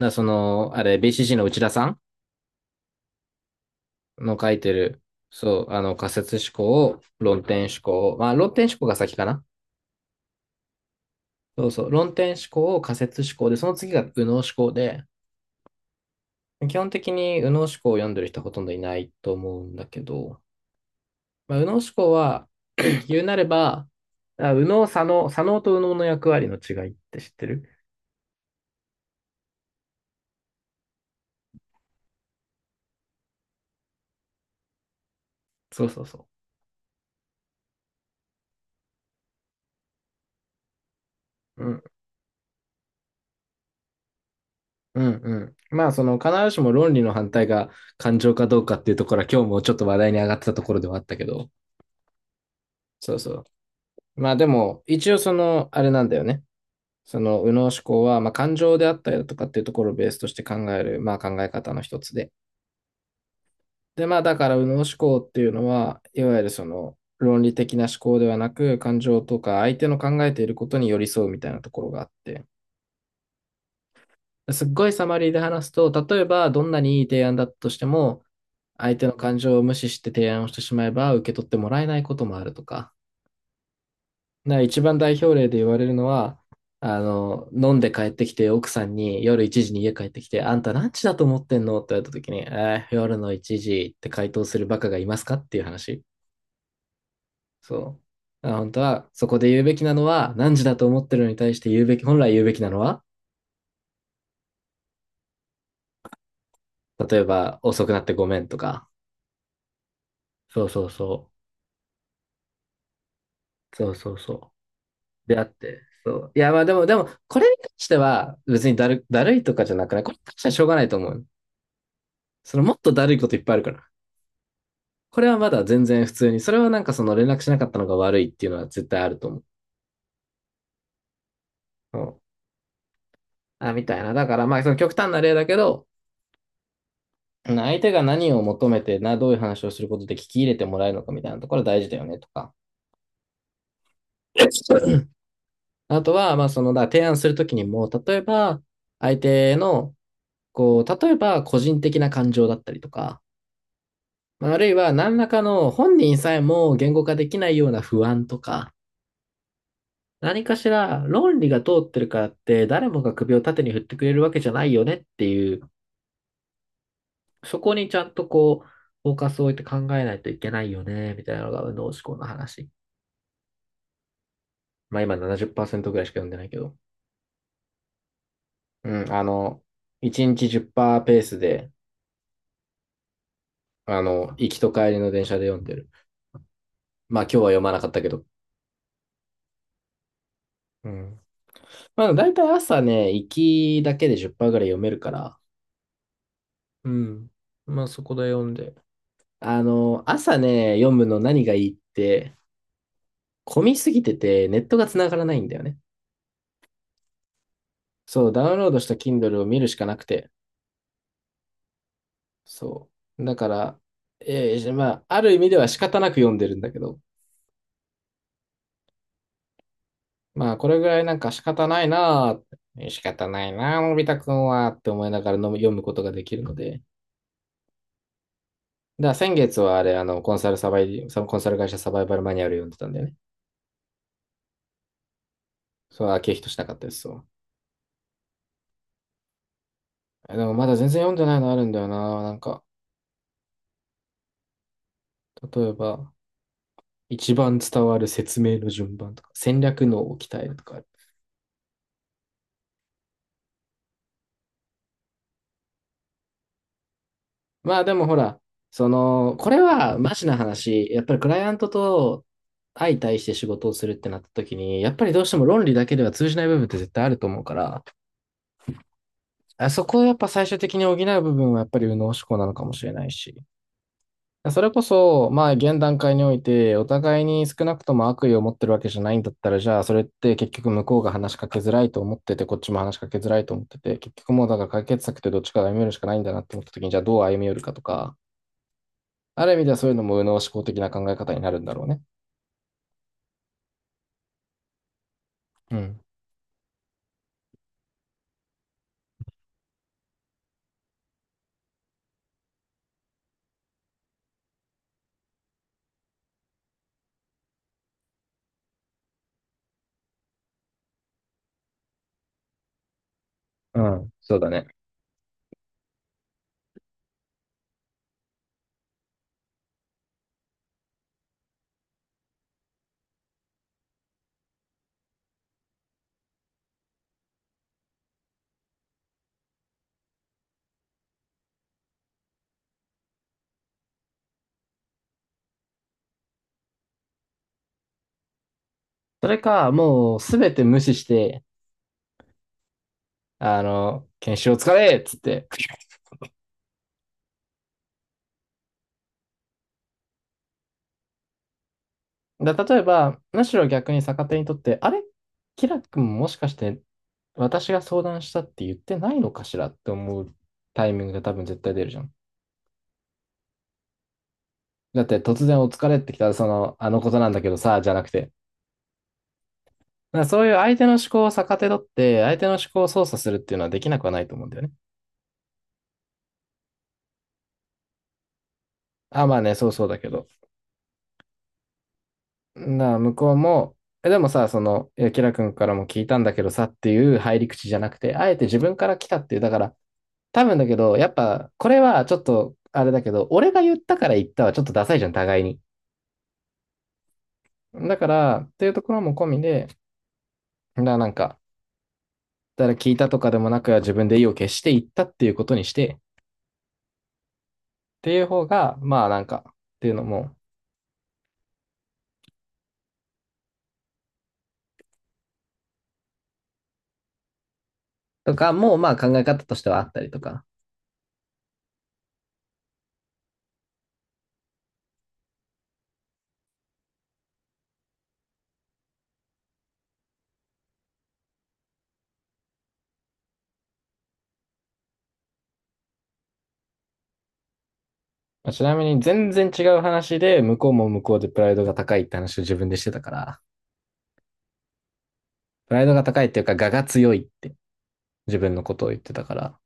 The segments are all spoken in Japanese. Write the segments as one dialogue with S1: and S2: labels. S1: だその、あれ、BCG の内田さんの書いてる、仮説思考、を論点思考を、論点思考が先かな。そうそう、論点思考、を仮説思考で、その次が右脳思考で、基本的に右脳思考を読んでる人はほとんどいないと思うんだけど、まあ、右脳思考は 言うなれば、右脳、左脳と右脳の役割の違いって知ってる。そうそうそう。うん、うん、うん。まあ、その、必ずしも論理の反対が感情かどうかっていうところは、今日もちょっと話題に上がってたところではあったけど、そうそう。まあでも、一応その、あれなんだよね。その、右脳思考は、まあ感情であったりだとかっていうところをベースとして考える、まあ考え方の一つで。で、まあだから、右脳思考っていうのは、いわゆるその、論理的な思考ではなく、感情とか相手の考えていることに寄り添うみたいなところがあって。すっごいサマリーで話すと、例えば、どんなにいい提案だったとしても、相手の感情を無視して提案をしてしまえば、受け取ってもらえないこともあるとか。な一番代表例で言われるのは、あの、飲んで帰ってきて、奥さんに夜1時に家帰ってきて、あんた何時だと思ってんのって言われた時に、夜の1時って回答するバカがいますかっていう話。そう。あ本当は、そこで言うべきなのは、何時だと思ってるのに対して言うべき、本来言うべきなのは、例えば、遅くなってごめんとか。そうそうそう。そうそうそう。であって。そう。いや、まあでも、これに関しては、別にだる、だるいとかじゃなくないこれに関してはしょうがないと思う。その、もっとだるいこといっぱいあるから。これはまだ全然普通に、それはなんかその連絡しなかったのが悪いっていうのは絶対あると思う。うん、あ、みたいな。だからまあその極端な例だけど、相手が何を求めてな、どういう話をすることで聞き入れてもらえるのかみたいなところ大事だよねとか。あとは、まあその、だから提案するときにも、例えば、相手の、こう、例えば個人的な感情だったりとか、まああるいは何らかの本人さえも言語化できないような不安とか、何かしら論理が通ってるからって誰もが首を縦に振ってくれるわけじゃないよねっていう、そこにちゃんとこう、フォーカスを置いて考えないといけないよね、みたいなのが右脳思考の話。まあ今70%ぐらいしか読んでないけど。うん、あの、1日10%ペースで、あの、行きと帰りの電車で読んでる。まあ今日は読まなかったけど。うん。まあ大体朝ね、行きだけで10%ぐらい読めるから。うん。まあそこで読んで。あの、朝ね、読むの何がいいって、混みすぎてて、ネットが繋がらないんだよね。そう、ダウンロードした Kindle を見るしかなくて。そう。だから、まあ、ある意味では仕方なく読んでるんだけど、まあ、これぐらいなんか仕方ないなあって仕方ないなあのび太くんは、って思いながらの読むことができるので。だから先月はあれ、あの、コンサルサバイ、そのコンサル会社サバイバルマニュアル読んでたんだよね。そう、あ、経費としなかったです、そう。えでもまだ全然読んでないのあるんだよな。なんか、例えば、一番伝わる説明の順番とか、戦略のを鍛えるとかある。まあでもほら、その、これはマジな話、やっぱりクライアントと相対して仕事をするってなった時に、やっぱりどうしても論理だけでは通じない部分って絶対あると思うから、あそこをやっぱ最終的に補う部分はやっぱり右脳思考なのかもしれないし。それこそ、まあ、現段階において、お互いに少なくとも悪意を持ってるわけじゃないんだったら、じゃあ、それって結局向こうが話しかけづらいと思ってて、こっちも話しかけづらいと思ってて、結局もうだから解決策ってどっちかが歩み寄るしかないんだなって思った時に、じゃあどう歩み寄るかとか、ある意味ではそういうのも右脳思考的な考え方になるんだろうね。うん。うん、そうだね。それか、もうすべて無視して、あの、研修を疲れっつって。だ例えば、むしろ逆に逆手にとって、あれキラ君もしかして私が相談したって言ってないのかしらって思うタイミングが多分絶対出るじゃん。だって突然お疲れってきたら、その、あのことなんだけどさ、じゃなくて。だからそういう相手の思考を逆手取って、相手の思考を操作するっていうのはできなくはないと思うんだよね。あ、まあね、そうそうだけど。だから向こうも、え、でもさ、その、いや、キラ君からも聞いたんだけどさっていう入り口じゃなくて、あえて自分から来たっていう、だから、多分だけど、やっぱ、これはちょっと、あれだけど、俺が言ったから言ったはちょっとダサいじゃん、互いに。だから、っていうところも込みで、だからなんか、誰聞いたとかでもなく、自分で意を決して言ったっていうことにして、っていう方が、まあなんか、っていうのも、とかもまあ考え方としてはあったりとか。ちなみに全然違う話で、向こうも向こうでプライドが高いって話を自分でしてたから、プライドが高いっていうか、我が強いって自分のことを言ってたから。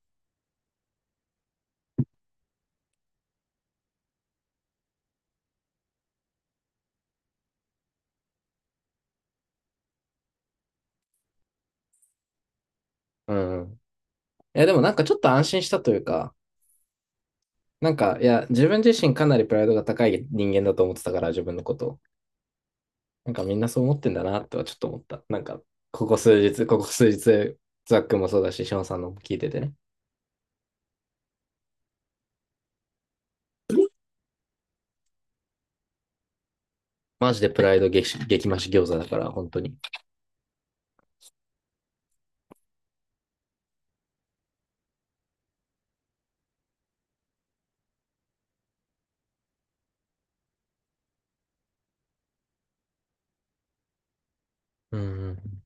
S1: うん。いや、でもなんかちょっと安心したというか、なんか、いや、自分自身かなりプライドが高い人間だと思ってたから、自分のことを。なんかみんなそう思ってんだなとはちょっと思った。なんか、ここ数日、ザックもそうだし、ションさんのも聞いててね。マジでプライド激増し餃子だから、本当に。うんうん。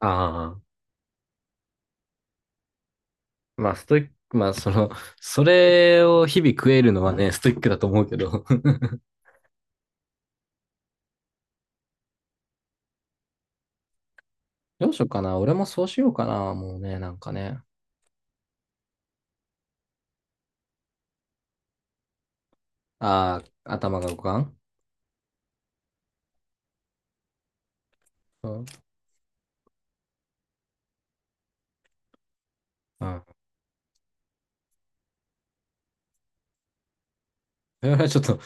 S1: ああ、まあ、ストイック、まあ、その、それを日々食えるのはね、ストイックだと思うけど。どうしようかな。俺もそうしようかな。もうね、なんかね。ああ、頭が五感、うん。うん。カフェオレ ちょっと、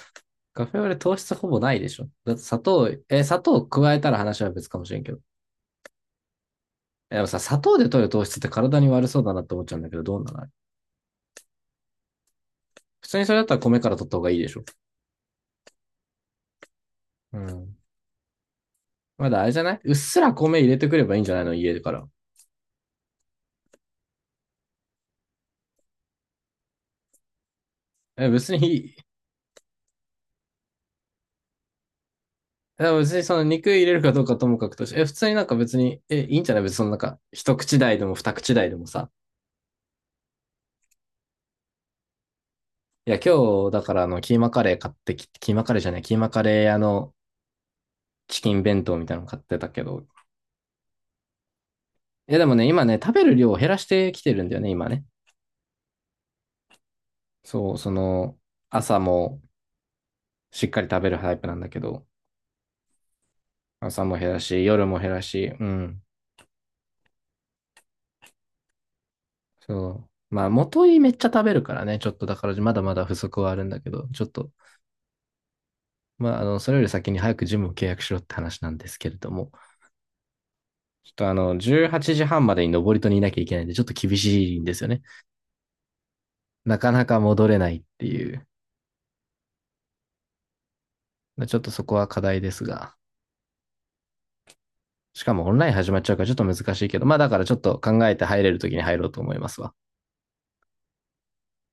S1: カフェオレ糖質ほぼないでしょ。だって砂糖、え、砂糖加えたら話は別かもしれんけど。やっぱさ、砂糖で取る糖質って体に悪そうだなって思っちゃうんだけど、どうなの。普通にそれだったら米から取った方がいいでしょ。うん。まだあれじゃないうっすら米入れてくればいいんじゃないの家から。え、別に、え別にその肉入れるかどうかともかくとして、え、普通になんか別に、え、いいんじゃない別にそのなんか、一口大でも二口大でもさ。いや、今日、だからあの、キーマカレー買ってき、キーマカレーじゃない、キーマカレー屋のチキン弁当みたいなの買ってたけど。いや、でもね、今ね、食べる量を減らしてきてるんだよね、今ね。そう、その、朝も、しっかり食べるタイプなんだけど、朝も減らし、夜も減らし、うん。そう。まあ、元いめっちゃ食べるからね、ちょっとだからまだまだ不足はあるんだけど、ちょっと、まあ、あの、それより先に早くジムを契約しろって話なんですけれども、ちょっとあの、18時半までに登戸にいなきゃいけないんで、ちょっと厳しいんですよね。なかなか戻れないっていう、ちょっとそこは課題ですが、しかもオンライン始まっちゃうからちょっと難しいけど、まあだからちょっと考えて入れるときに入ろうと思いますわ。